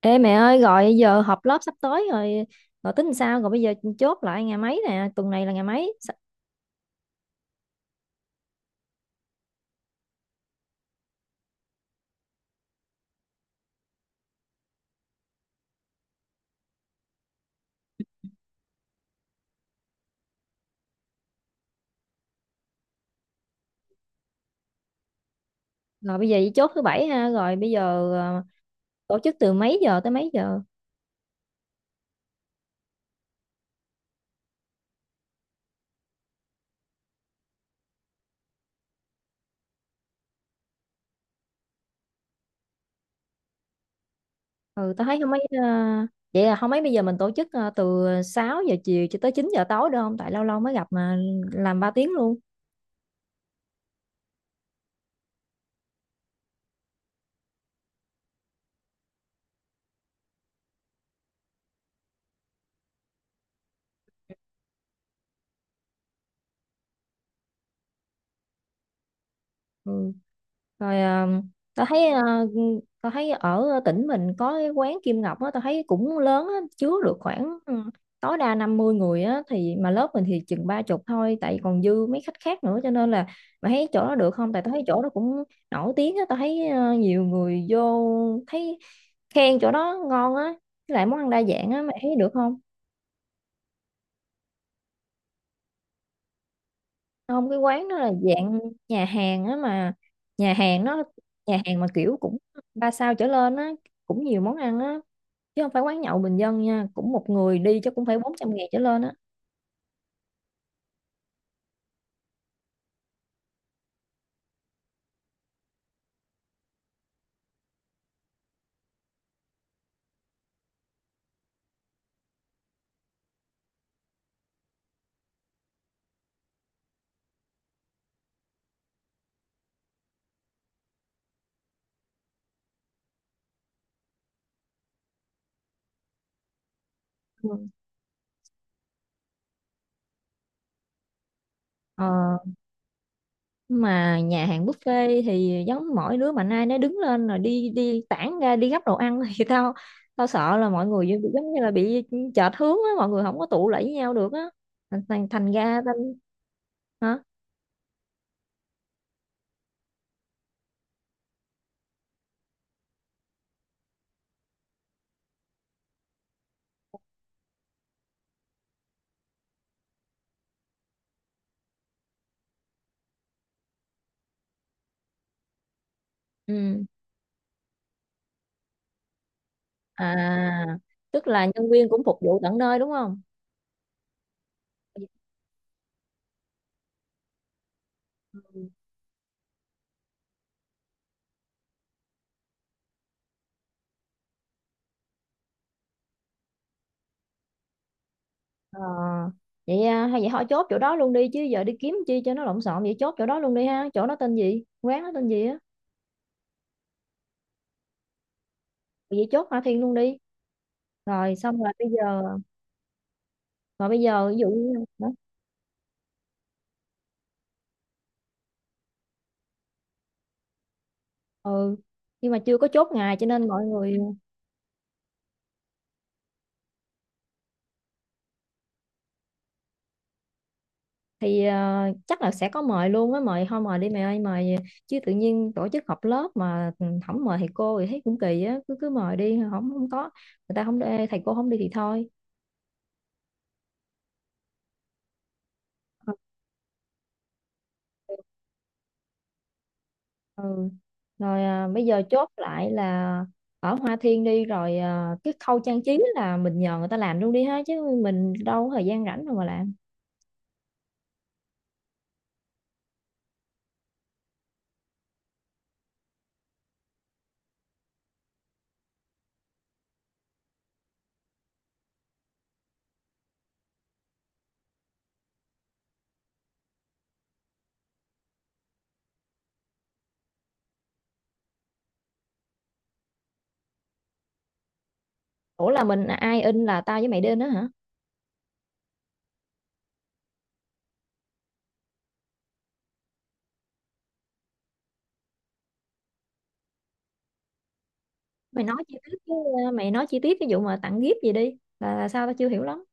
Ê mẹ ơi, gọi giờ họp lớp sắp tới rồi. Rồi tính sao? Rồi bây giờ chốt lại ngày mấy nè, tuần này là ngày mấy rồi bây giờ chỉ chốt thứ bảy ha? Rồi bây giờ, ờ, tổ chức từ mấy giờ tới mấy giờ? Ừ, tao thấy không mấy. Ờ, Vậy là không mấy, bây giờ mình tổ chức từ 6 giờ chiều cho tới 9 giờ tối được không? Tại lâu lâu mới gặp mà, làm 3 tiếng luôn. Ừ. Rồi, tao thấy. Tao thấy ở tỉnh mình có cái quán Kim Ngọc á, tao thấy cũng lớn á, chứa được khoảng tối đa 50 người á. Thì mà lớp mình thì chừng 30 thôi, tại còn dư mấy khách khác nữa, cho nên là mà thấy chỗ đó được không? Tại tao thấy chỗ đó cũng nổi tiếng á, tao thấy nhiều người vô thấy khen chỗ đó ngon á, với lại món ăn đa dạng á, mày thấy được không? Không, cái quán nó là dạng nhà hàng á, mà nhà hàng nó, nhà hàng mà kiểu cũng ba sao trở lên á, cũng nhiều món ăn á, chứ không phải quán nhậu bình dân nha. Cũng một người đi chắc cũng phải 400.000 trở lên á. Ừ. ờ, mà nhà hàng buffet thì giống mỗi đứa mà nay nó đứng lên rồi đi đi tản ra đi gắp đồ ăn thì tao tao sợ là mọi người giống như là bị chệch hướng á, mọi người không có tụ lại với nhau được á, thành thành thành ra tao. Hả? Ừ, à tức là nhân viên cũng phục vụ tận nơi đúng không? Ờ, vậy à, hay vậy họ chốt chỗ đó luôn đi, chứ giờ đi kiếm chi cho nó lộn xộn, vậy chốt chỗ đó luôn đi ha. Chỗ đó tên gì, quán đó tên gì á? Vậy chốt Hoa Thiên luôn đi. Rồi xong rồi bây giờ, rồi bây giờ Ừ, nhưng mà chưa có chốt ngày cho nên mọi người... Thì chắc là sẽ có mời luôn á, mời thôi, mời đi mày ơi, mời. Chứ tự nhiên tổ chức họp lớp mà không mời thầy cô thì thấy cũng kỳ á, cứ cứ mời đi. Không không có, người ta không... Thầy cô không đi thì thôi. Ừ. Ừ. Rồi, bây giờ chốt lại là ở Hoa Thiên đi. Rồi cái khâu trang trí là mình nhờ người ta làm luôn đi ha, chứ mình đâu có thời gian rảnh đâu mà làm. Ủa, là mình ai in, là tao với mày đi in đó hả? Mày nói chi tiết cái mày nói chi tiết cái vụ mà tặng gift gì đi, là sao tao chưa hiểu lắm.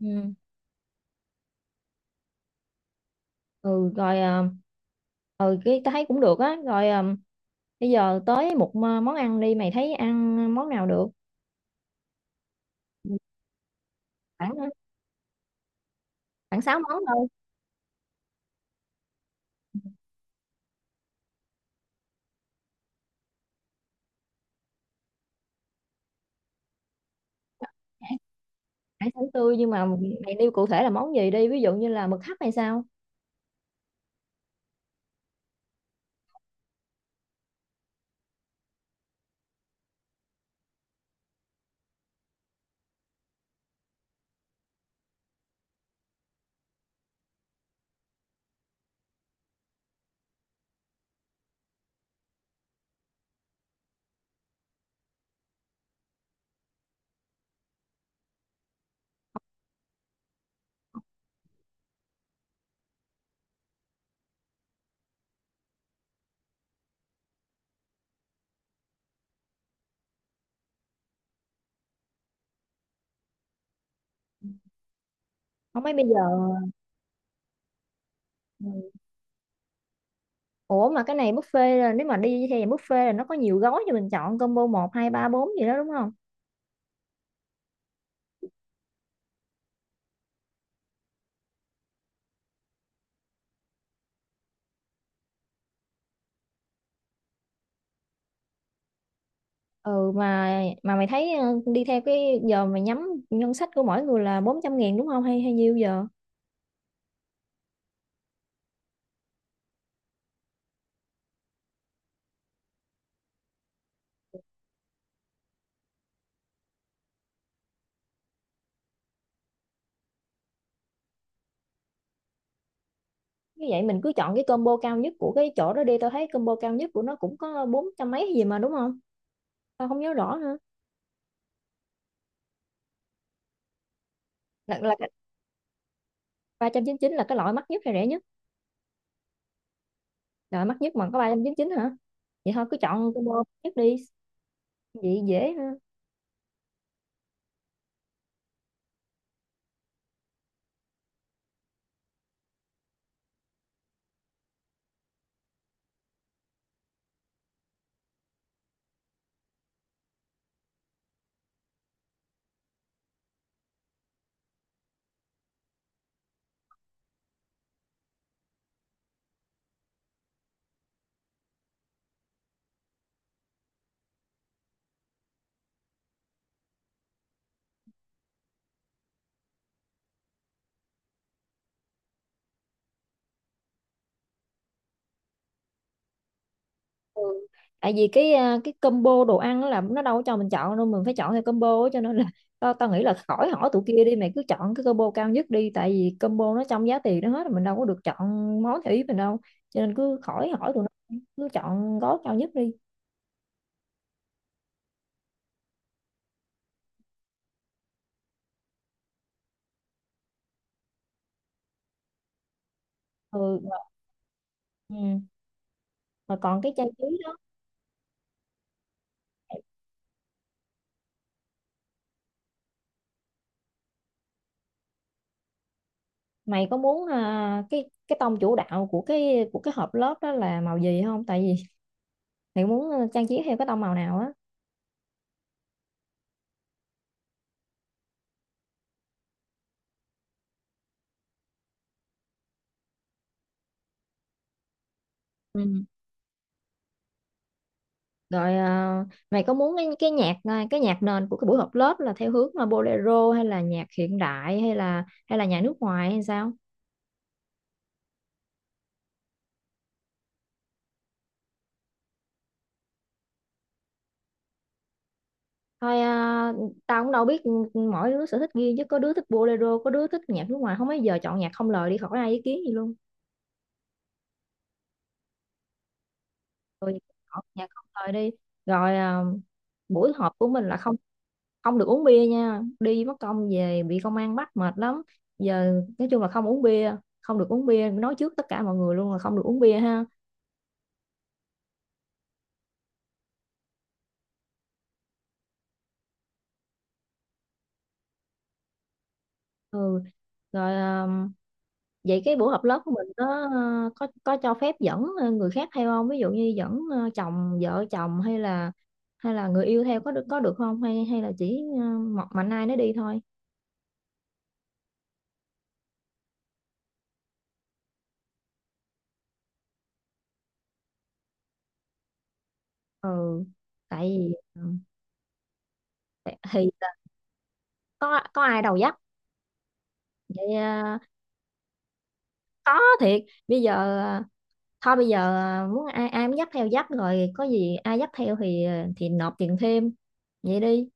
Ừ. Ừ rồi, ừ, cái tao thấy cũng được á. Rồi bây giờ tới một món ăn đi, mày thấy ăn món nào được? Khoảng à, khoảng 6 món thôi. Hải sản tươi, nhưng mà mày nêu cụ thể là món gì đi, ví dụ như là mực hấp hay sao? Không mấy bây giờ, ừ. Ủa mà cái này buffet, là nếu mà đi theo dạng buffet là nó có nhiều gói cho mình chọn combo một hai ba bốn gì đó đúng không? Ừ, mà mày thấy đi theo cái giờ mày nhắm ngân sách của mỗi người là 400.000 đúng không, hay hay nhiêu giờ? Như vậy mình cứ chọn cái combo cao nhất của cái chỗ đó đi. Tao thấy combo cao nhất của nó cũng có bốn trăm mấy gì mà đúng không? Tao không nhớ rõ nữa. Là 399 là cái loại mắc nhất hay rẻ nhất? Rồi mắc nhất mà có 399 hả? Vậy thôi cứ chọn combo mắc nhất đi, vậy dễ ha. Ừ. Tại vì cái combo đồ ăn á là nó đâu có cho mình chọn đâu, mình phải chọn theo combo á, cho nên là tao, tao nghĩ là khỏi hỏi tụi kia đi, mày cứ chọn cái combo cao nhất đi, tại vì combo nó trong giá tiền nó hết rồi, mình đâu có được chọn món theo ý mình đâu. Cho nên cứ khỏi hỏi tụi nó, cứ chọn gói cao nhất đi. Ừ. Rồi, ừ. Rồi còn cái trang trí đó, mày có muốn cái tông chủ đạo của cái hộp lớp đó là màu gì không? Tại vì mày muốn trang trí theo cái tông màu nào á. Ừ. Rồi mày có muốn cái nhạc, cái nhạc nền của cái buổi họp lớp là theo hướng là bolero, hay là nhạc hiện đại, hay là nhạc nước ngoài hay sao? Thôi, tao cũng đâu biết. Ừ, Mỗi đứa sở thích riêng, chứ có đứa thích bolero, có đứa thích nhạc nước ngoài. Không mấy giờ chọn nhạc không lời đi, khỏi ai ý kiến gì luôn. Rồi chọn nhạc không lời đi. Rồi buổi họp của mình là không, không được uống bia nha, đi mất công về bị công an bắt mệt lắm. Giờ nói chung là không uống bia, không được uống bia, nói trước tất cả mọi người luôn là không được uống bia ha. Ừ. Rồi vậy cái buổi họp lớp của mình có cho phép dẫn người khác theo không, ví dụ như dẫn chồng, vợ chồng, hay là người yêu theo có được không, hay hay là chỉ một mạnh ai nó đi thôi? Ừ, tại vì thì có ai đầu dắt. Vậy có thiệt bây giờ. ờ, Thôi bây giờ, muốn ai, ai muốn dắt theo dắt, rồi có gì ai dắt theo thì thì nộp tiền thêm, vậy đi.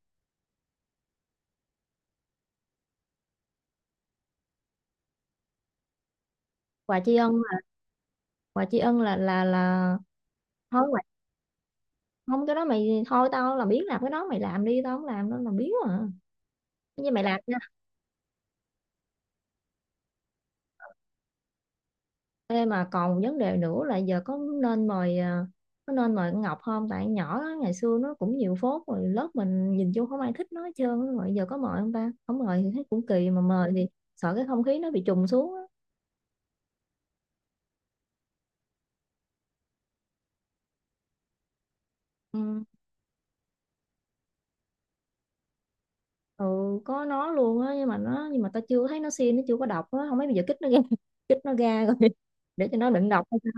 Quà tri ân là- quà tri ân là thôi mày, không cái đó mày, thôi tao là biết làm cái đó, mày làm đi, tao không làm đâu, là biết à, như mày làm nha. Ê, mà còn một vấn đề nữa là giờ có nên mời con Ngọc không? Tại con nhỏ đó, ngày xưa nó cũng nhiều phốt rồi, lớp mình nhìn chung không ai thích nó hết trơn á. Rồi giờ có mời không ta, không mời thì thấy cũng kỳ, mà mời thì sợ cái không khí nó bị trùng xuống á. Ừ. Ừ, có nó luôn á, nhưng mà tao chưa thấy nó xin, nó chưa có đọc á. Không mấy bây giờ kích nó ra kích nó ra rồi để cho nó đừng đọc hay sao?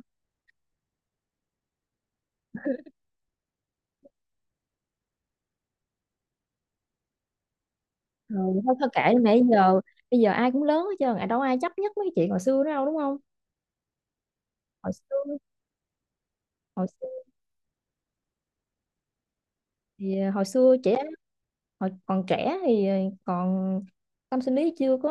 Ừ, thôi, thôi kệ đi mẹ. Bây giờ, ai cũng lớn hết trơn à, đâu ai chấp nhất mấy cái chuyện hồi xưa nữa đâu đúng không? Hồi xưa hồi xưa thì hồi còn trẻ thì còn tâm sinh lý chưa có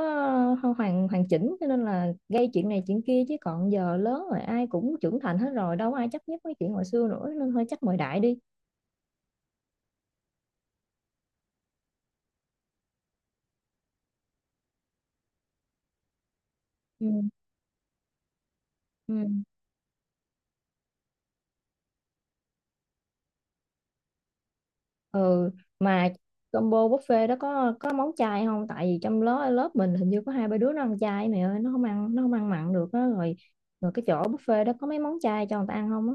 hoàn hoàn chỉnh, cho nên là gây chuyện này chuyện kia. Chứ còn giờ lớn rồi, ai cũng trưởng thành hết rồi, đâu có ai chấp nhất mấy chuyện hồi xưa nữa nên hơi chắc mời đại đi. Ừ. Ừ. Ừ, mà combo buffet đó có món chay không? Tại vì trong lớp, lớp mình hình như có hai ba đứa nó ăn chay, mẹ ơi, nó không ăn, nó không ăn mặn được á. Rồi, rồi cái chỗ buffet đó có mấy món chay cho người ta ăn không á?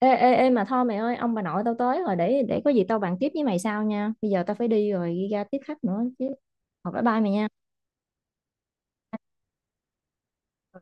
Ê ê ê, mà thôi mẹ ơi, ông bà nội tao tới rồi, để có gì tao bàn tiếp với mày sau nha. Bây giờ tao phải đi rồi, đi ra tiếp khách nữa chứ. Học bye bye mày nha. Ừ.